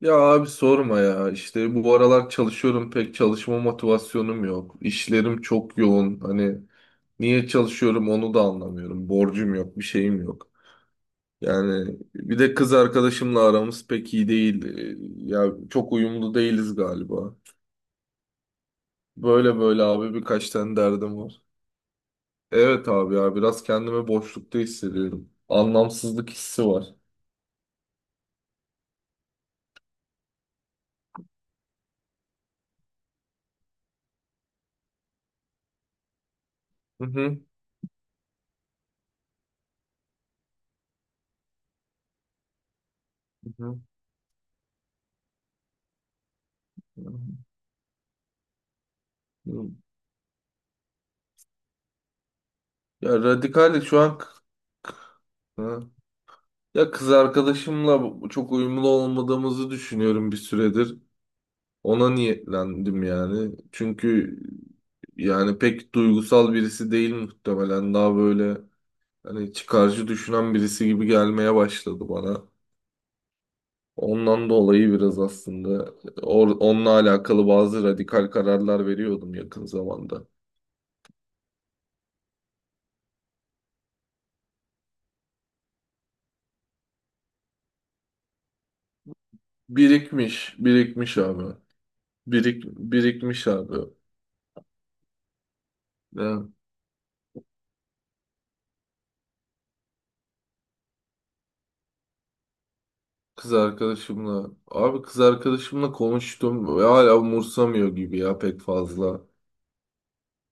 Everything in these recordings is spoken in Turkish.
Ya abi sorma ya işte bu aralar çalışıyorum pek çalışma motivasyonum yok. İşlerim çok yoğun hani niye çalışıyorum onu da anlamıyorum. Borcum yok bir şeyim yok. Yani bir de kız arkadaşımla aramız pek iyi değil. Ya çok uyumlu değiliz galiba. Böyle böyle abi birkaç tane derdim var. Evet abi ya biraz kendimi boşlukta hissediyorum. Anlamsızlık hissi var. Hı hı. Hı hı. Ya radikal şu an. Ha. Ya kız arkadaşımla çok uyumlu olmadığımızı düşünüyorum bir süredir. Ona niyetlendim yani. Çünkü yani pek duygusal birisi değil muhtemelen. Daha böyle hani çıkarcı düşünen birisi gibi gelmeye başladı bana. Ondan dolayı biraz aslında onunla alakalı bazı radikal kararlar veriyordum yakın zamanda. Birikmiş, birikmiş abi. Birikmiş abi. Ya. Kız arkadaşımla. Abi kız arkadaşımla konuştum ve hala umursamıyor gibi ya pek fazla.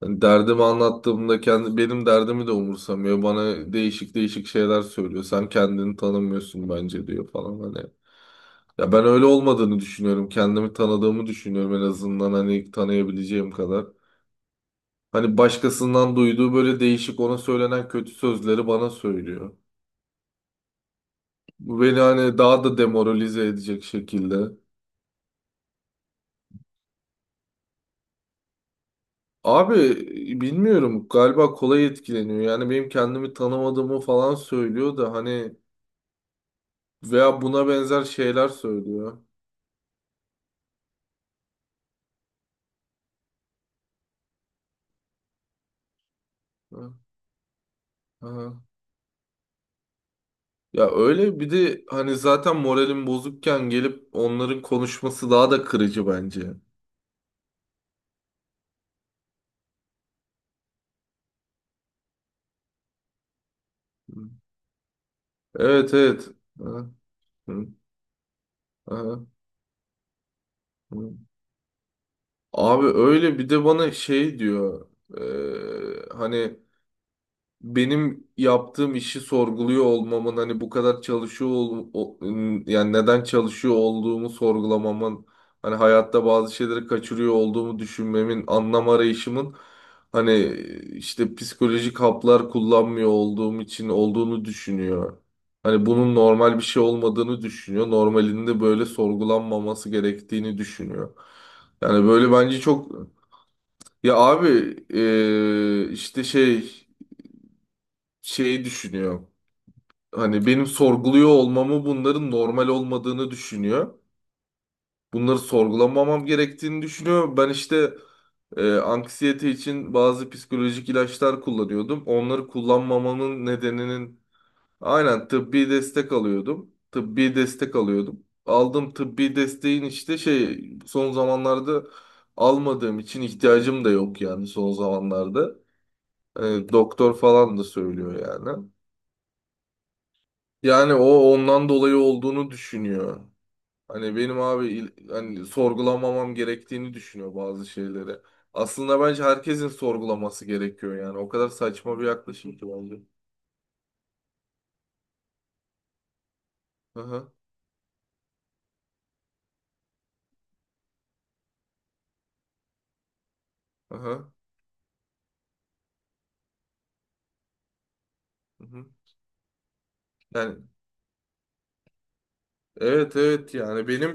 Hani derdimi anlattığımda kendi benim derdimi de umursamıyor. Bana değişik değişik şeyler söylüyor. Sen kendini tanımıyorsun bence diyor falan hani. Ya ben öyle olmadığını düşünüyorum. Kendimi tanıdığımı düşünüyorum en azından hani tanıyabileceğim kadar. Hani başkasından duyduğu böyle değişik ona söylenen kötü sözleri bana söylüyor. Bu beni hani daha da demoralize edecek şekilde. Abi bilmiyorum galiba kolay etkileniyor. Yani benim kendimi tanımadığımı falan söylüyor da hani veya buna benzer şeyler söylüyor. Ha, ha. Ya öyle bir de hani zaten moralim bozukken gelip onların konuşması daha da kırıcı bence. Hı. Evet evet. Ha, hı, ha, hı. Abi öyle bir de bana şey diyor. Hani benim yaptığım işi sorguluyor olmamın hani bu kadar çalışıyor yani neden çalışıyor olduğumu sorgulamamın hani hayatta bazı şeyleri kaçırıyor olduğumu düşünmemin anlam arayışımın hani işte psikolojik haplar kullanmıyor olduğum için olduğunu düşünüyor. Hani bunun normal bir şey olmadığını düşünüyor. Normalinde böyle sorgulanmaması gerektiğini düşünüyor. Yani böyle bence çok ya abi işte şey şeyi düşünüyor. Hani benim sorguluyor olmamı bunların normal olmadığını düşünüyor. Bunları sorgulamamam gerektiğini düşünüyor. Ben işte anksiyete için bazı psikolojik ilaçlar kullanıyordum. Onları kullanmamanın nedeninin aynen tıbbi destek alıyordum. Tıbbi destek alıyordum. Aldığım tıbbi desteğin işte şey son zamanlarda almadığım için ihtiyacım da yok yani son zamanlarda. E, Doktor falan da söylüyor yani. Yani o ondan dolayı olduğunu düşünüyor. Hani benim abi hani sorgulamamam gerektiğini düşünüyor bazı şeyleri. Aslında bence herkesin sorgulaması gerekiyor yani. O kadar saçma bir yaklaşım ki bence. Aha, aha, aha. Yani evet evet yani benim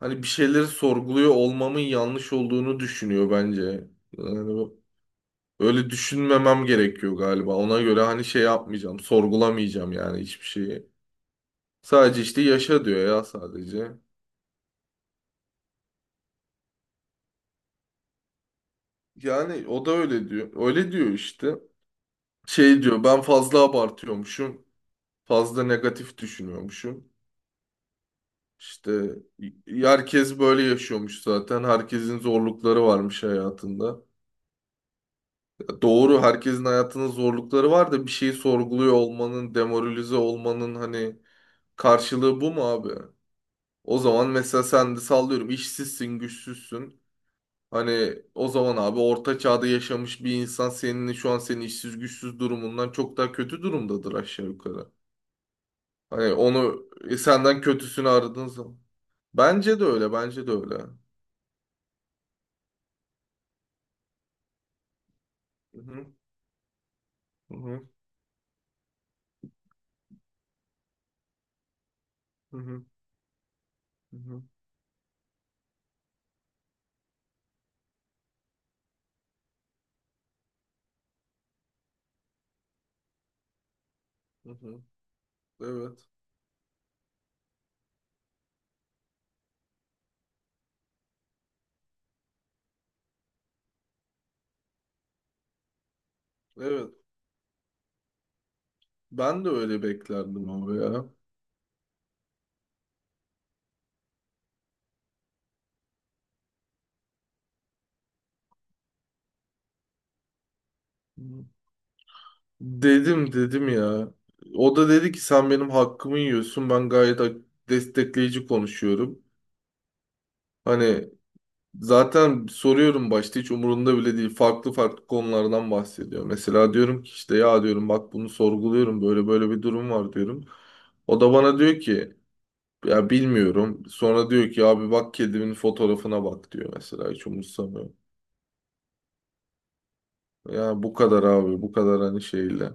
hani bir şeyleri sorguluyor olmamın yanlış olduğunu düşünüyor bence. Yani öyle düşünmemem gerekiyor galiba. Ona göre hani şey yapmayacağım, sorgulamayacağım yani hiçbir şeyi. Sadece işte yaşa diyor ya sadece. Yani o da öyle diyor. Öyle diyor işte. Şey diyor ben fazla abartıyormuşum. Fazla negatif düşünüyormuşum. İşte y- herkes böyle yaşıyormuş zaten. Herkesin zorlukları varmış hayatında. Ya doğru herkesin hayatının zorlukları var da bir şeyi sorguluyor olmanın, demoralize olmanın hani karşılığı bu mu abi? O zaman mesela sen de sallıyorum işsizsin, güçsüzsün. Hani o zaman abi orta çağda yaşamış bir insan senin şu an senin işsiz güçsüz durumundan çok daha kötü durumdadır aşağı yukarı. Hani onu senden kötüsünü aradığın zaman. Bence de öyle, bence de öyle. Hı hı, hı hı, hı hı, hı hı, hı hı. Evet, evet. Ben de öyle beklerdim ama ya. Dedim, dedim ya. O da dedi ki sen benim hakkımı yiyorsun. Ben gayet destekleyici konuşuyorum. Hani zaten soruyorum başta hiç umurunda bile değil. Farklı farklı konulardan bahsediyor. Mesela diyorum ki işte ya diyorum bak bunu sorguluyorum böyle böyle bir durum var diyorum. O da bana diyor ki ya bilmiyorum. Sonra diyor ki abi bak kedimin fotoğrafına bak diyor mesela hiç umursamıyor. Ya bu kadar abi bu kadar hani şeyle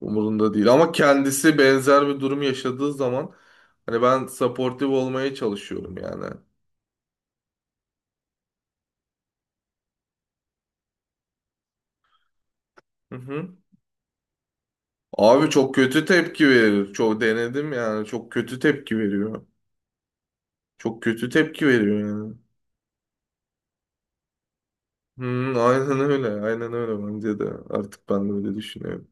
umurunda değil. Ama kendisi benzer bir durum yaşadığı zaman hani ben supportive olmaya çalışıyorum yani. Hı hı. Abi çok kötü tepki verir. Çok denedim yani. Çok kötü tepki veriyor. Çok kötü tepki veriyor yani. Hı, aynen öyle. Aynen öyle bence de. Artık ben de öyle düşünüyorum.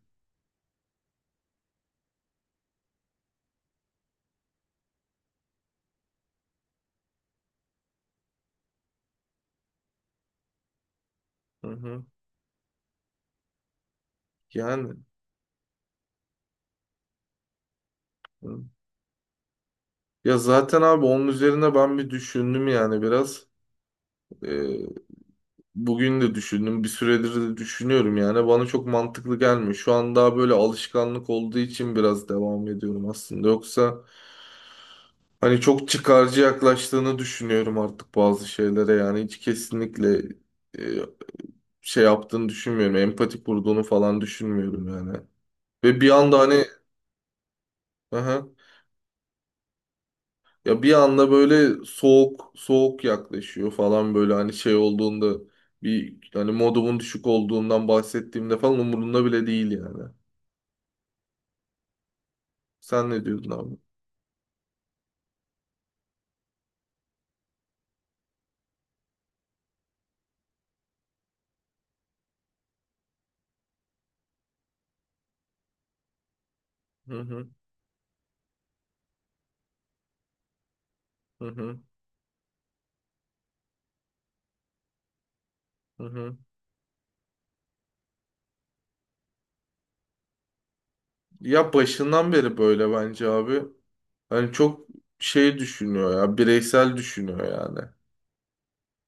Hı hı. Yani. Hı. Ya zaten abi onun üzerine ben bir düşündüm yani biraz. Ee, Bugün de düşündüm. Bir süredir de düşünüyorum yani. Bana çok mantıklı gelmiyor. Şu an daha böyle alışkanlık olduğu için biraz devam ediyorum aslında. Yoksa hani çok çıkarcı yaklaştığını düşünüyorum artık bazı şeylere yani hiç kesinlikle e, şey yaptığını düşünmüyorum. Empati kurduğunu falan düşünmüyorum yani. Ve bir anda hani aha, ya bir anda böyle soğuk soğuk yaklaşıyor falan böyle hani şey olduğunda bir hani modumun düşük olduğundan bahsettiğimde falan umurunda bile değil yani. Sen ne diyordun abi? Hı hı hı hı. Hı hı. Ya başından beri böyle bence abi. Hani çok şey düşünüyor ya, bireysel düşünüyor yani.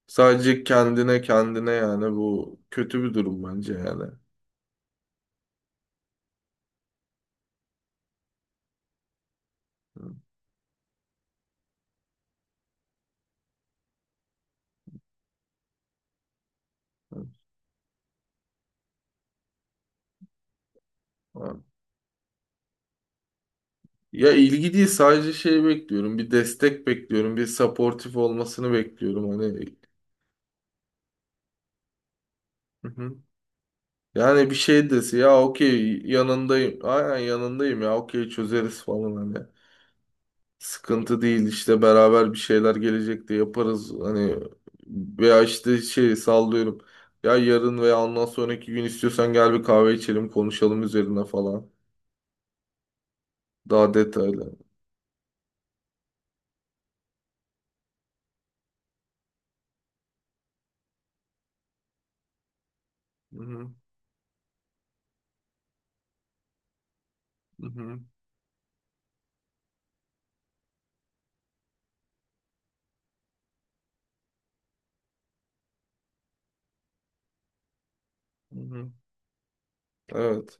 Sadece kendine kendine yani bu kötü bir durum bence yani. Hı, hı, hı. Ya ilgi değil sadece şey bekliyorum, bir destek bekliyorum, bir supportif olmasını bekliyorum hani. Hı hı. Yani bir şey dese ya okey yanındayım, aynen yanındayım ya okey çözeriz falan hani. Sıkıntı değil işte beraber bir şeyler gelecekte yaparız. Hani veya işte şey sallıyorum. Ya yarın veya ondan sonraki gün istiyorsan gel bir kahve içelim konuşalım üzerine falan. Daha detaylı. Hı hı, hı hı, hı hı. Evet.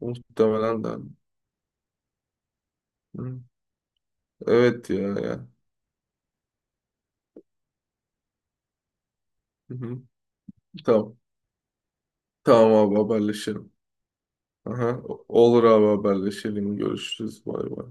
Muhtemelen de. Hı. Evet ya ya. Hı hı. Tamam. Tamam abi haberleşelim. Aha. Olur abi haberleşelim. Görüşürüz. Bay bay.